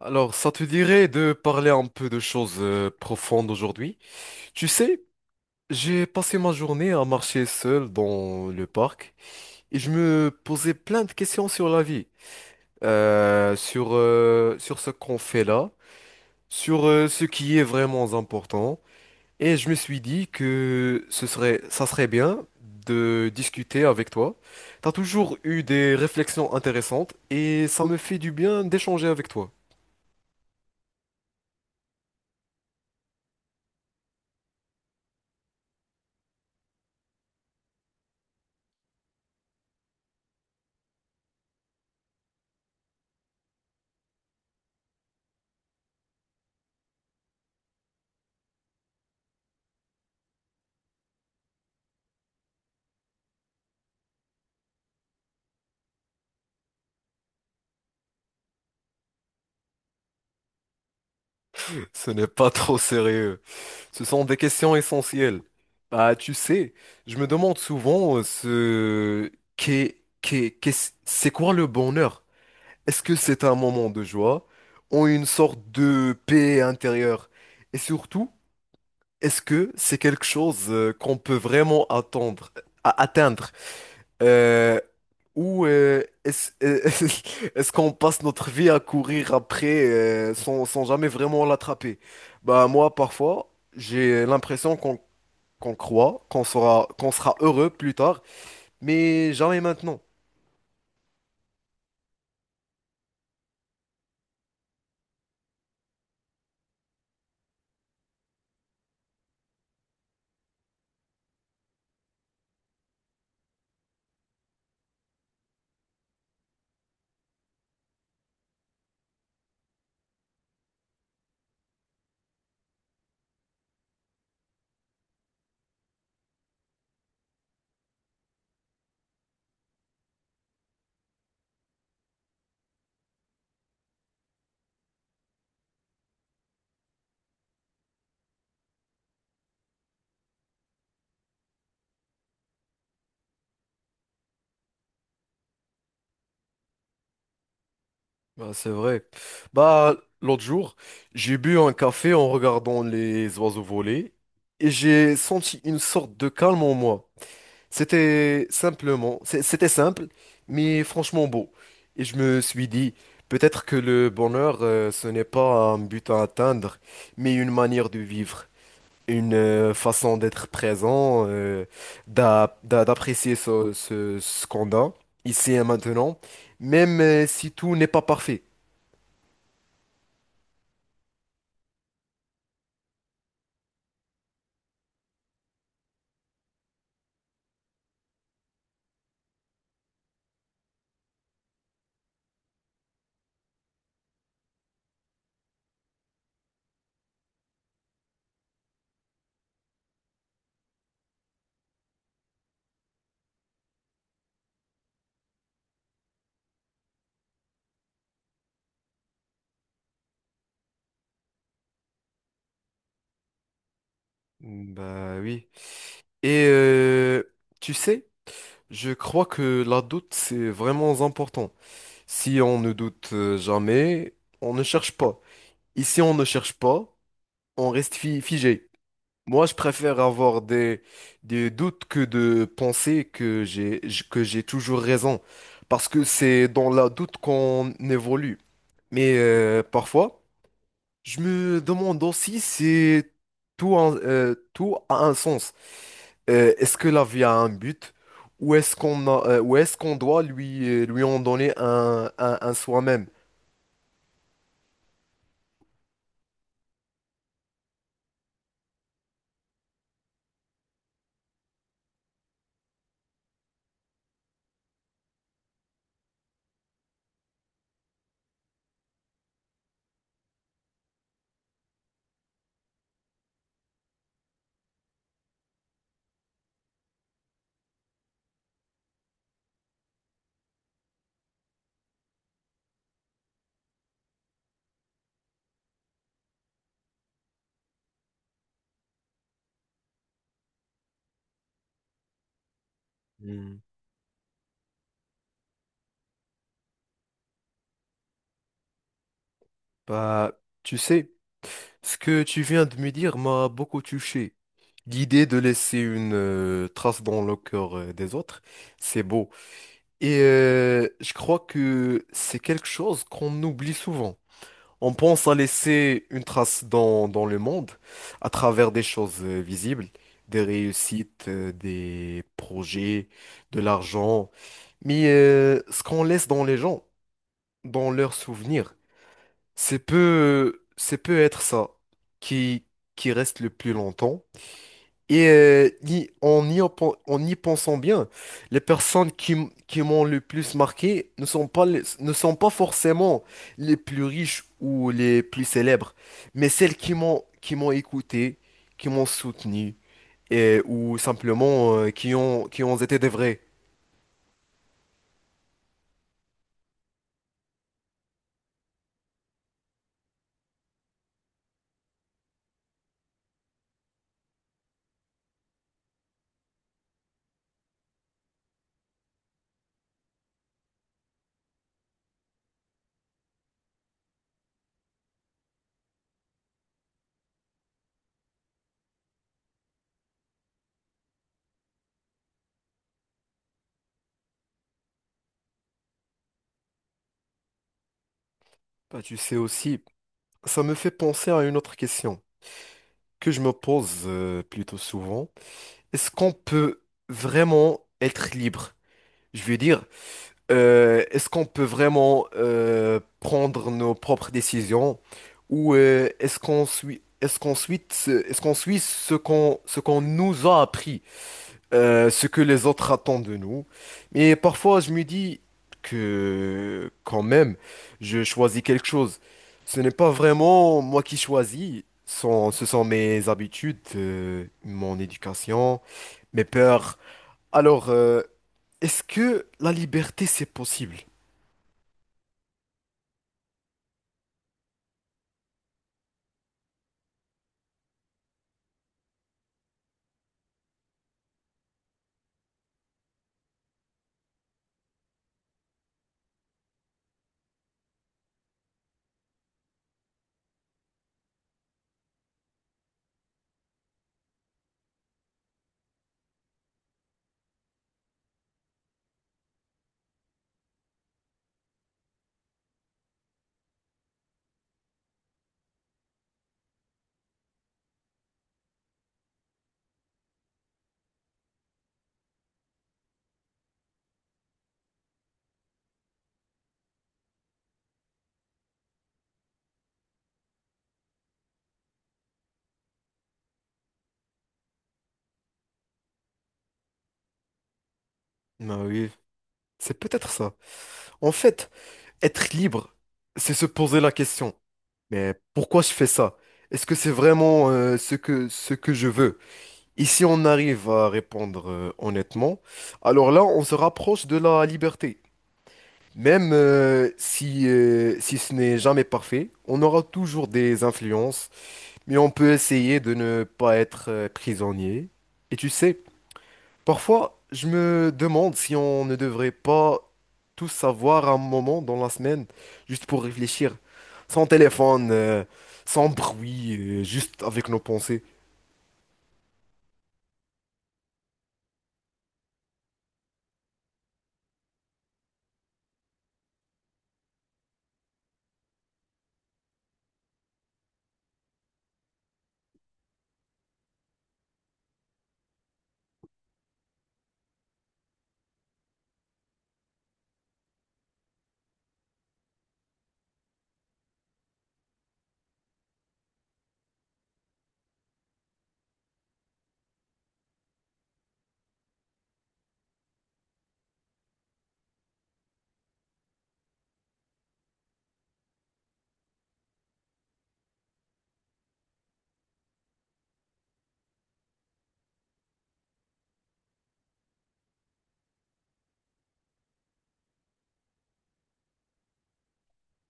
Alors, ça te dirait de parler un peu de choses profondes aujourd'hui? Tu sais, j'ai passé ma journée à marcher seul dans le parc et je me posais plein de questions sur la vie, sur ce qu'on fait là, sur ce qui est vraiment important. Et je me suis dit que ça serait bien de discuter avec toi. T'as toujours eu des réflexions intéressantes et ça me fait du bien d'échanger avec toi. Ce n'est pas trop sérieux. Ce sont des questions essentielles. Bah, tu sais, je me demande souvent ce c'est quoi le bonheur? Est-ce que c'est un moment de joie ou une sorte de paix intérieure? Et surtout, est-ce que c'est quelque chose qu'on peut vraiment attendre, atteindre? Euh, ou est-ce est-ce qu'on passe notre vie à courir après sans jamais vraiment l'attraper? Bah, moi, parfois, j'ai l'impression qu'on croit, qu'on sera heureux plus tard, mais jamais maintenant. Bah, c'est vrai. Bah, l'autre jour, j'ai bu un café en regardant les oiseaux voler et j'ai senti une sorte de calme en moi. C'était simple, mais franchement beau. Et je me suis dit, peut-être que le bonheur, ce n'est pas un but à atteindre, mais une manière de vivre. Une façon d'être présent, d'apprécier ce qu'on a ici et maintenant, même si tout n'est pas parfait. Bah oui. Et tu sais, je crois que la doute, c'est vraiment important. Si on ne doute jamais, on ne cherche pas. Ici, on ne cherche pas, on reste figé. Moi, je préfère avoir des doutes que de penser que que j'ai toujours raison. Parce que c'est dans la doute qu'on évolue. Mais parfois, je me demande aussi si tout a un sens. Est-ce que la vie a un but? Ou ou est-ce qu'on doit lui, lui en donner un soi-même? Hmm. Bah, tu sais. Ce que tu viens de me dire m'a beaucoup touché. L'idée de laisser une trace dans le cœur des autres, c'est beau. Et je crois que c'est quelque chose qu'on oublie souvent. On pense à laisser une trace dans le monde à travers des choses visibles, des réussites, des projets, de l'argent. Mais ce qu'on laisse dans les gens, dans leurs souvenirs, c'est peut être ça qui, qui reste le plus longtemps. Et y- en y, en en y pensant bien, les personnes qui m'ont le plus marqué ne sont pas forcément les plus riches ou les plus célèbres, mais celles qui m'ont écouté, qui m'ont soutenu, et, ou simplement qui ont été des vrais. Bah, tu sais aussi, ça me fait penser à une autre question que je me pose plutôt souvent. Est-ce qu'on peut vraiment être libre? Je veux dire, est-ce qu'on peut vraiment prendre nos propres décisions ou est-ce qu'on suit ce qu'on nous a appris? Euh, ce que les autres attendent de nous. Mais parfois, je me dis que quand même, je choisis quelque chose. Ce n'est pas vraiment moi qui choisis. Ce sont mes habitudes, mon éducation, mes peurs. Alors, est-ce que la liberté, c'est possible? Ben oui, c'est peut-être ça. En fait, être libre, c'est se poser la question. Mais pourquoi je fais ça? Est-ce que c'est vraiment, ce que je veux? Et si on arrive à répondre honnêtement, alors là, on se rapproche de la liberté. Même si ce n'est jamais parfait, on aura toujours des influences, mais on peut essayer de ne pas être prisonnier. Et tu sais, parfois, je me demande si on ne devrait pas tous savoir un moment dans la semaine, juste pour réfléchir, sans téléphone, sans bruit, juste avec nos pensées.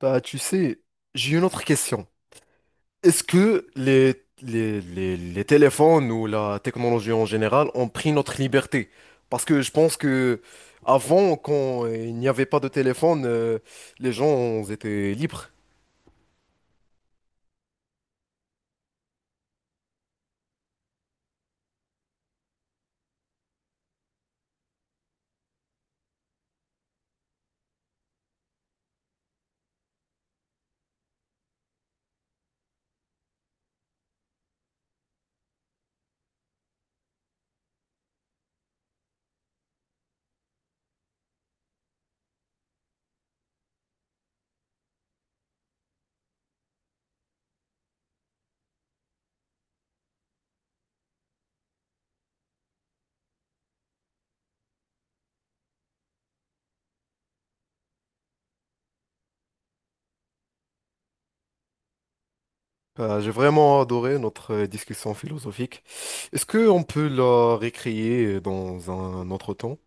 Bah, tu sais, j'ai une autre question. Est-ce que les téléphones ou la technologie en général ont pris notre liberté? Parce que je pense que avant, quand il n'y avait pas de téléphone, les gens étaient libres. J'ai vraiment adoré notre discussion philosophique. Est-ce qu'on peut la récréer dans un autre temps?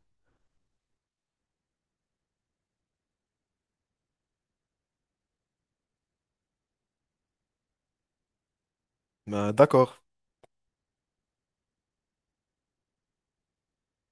Ben, d'accord.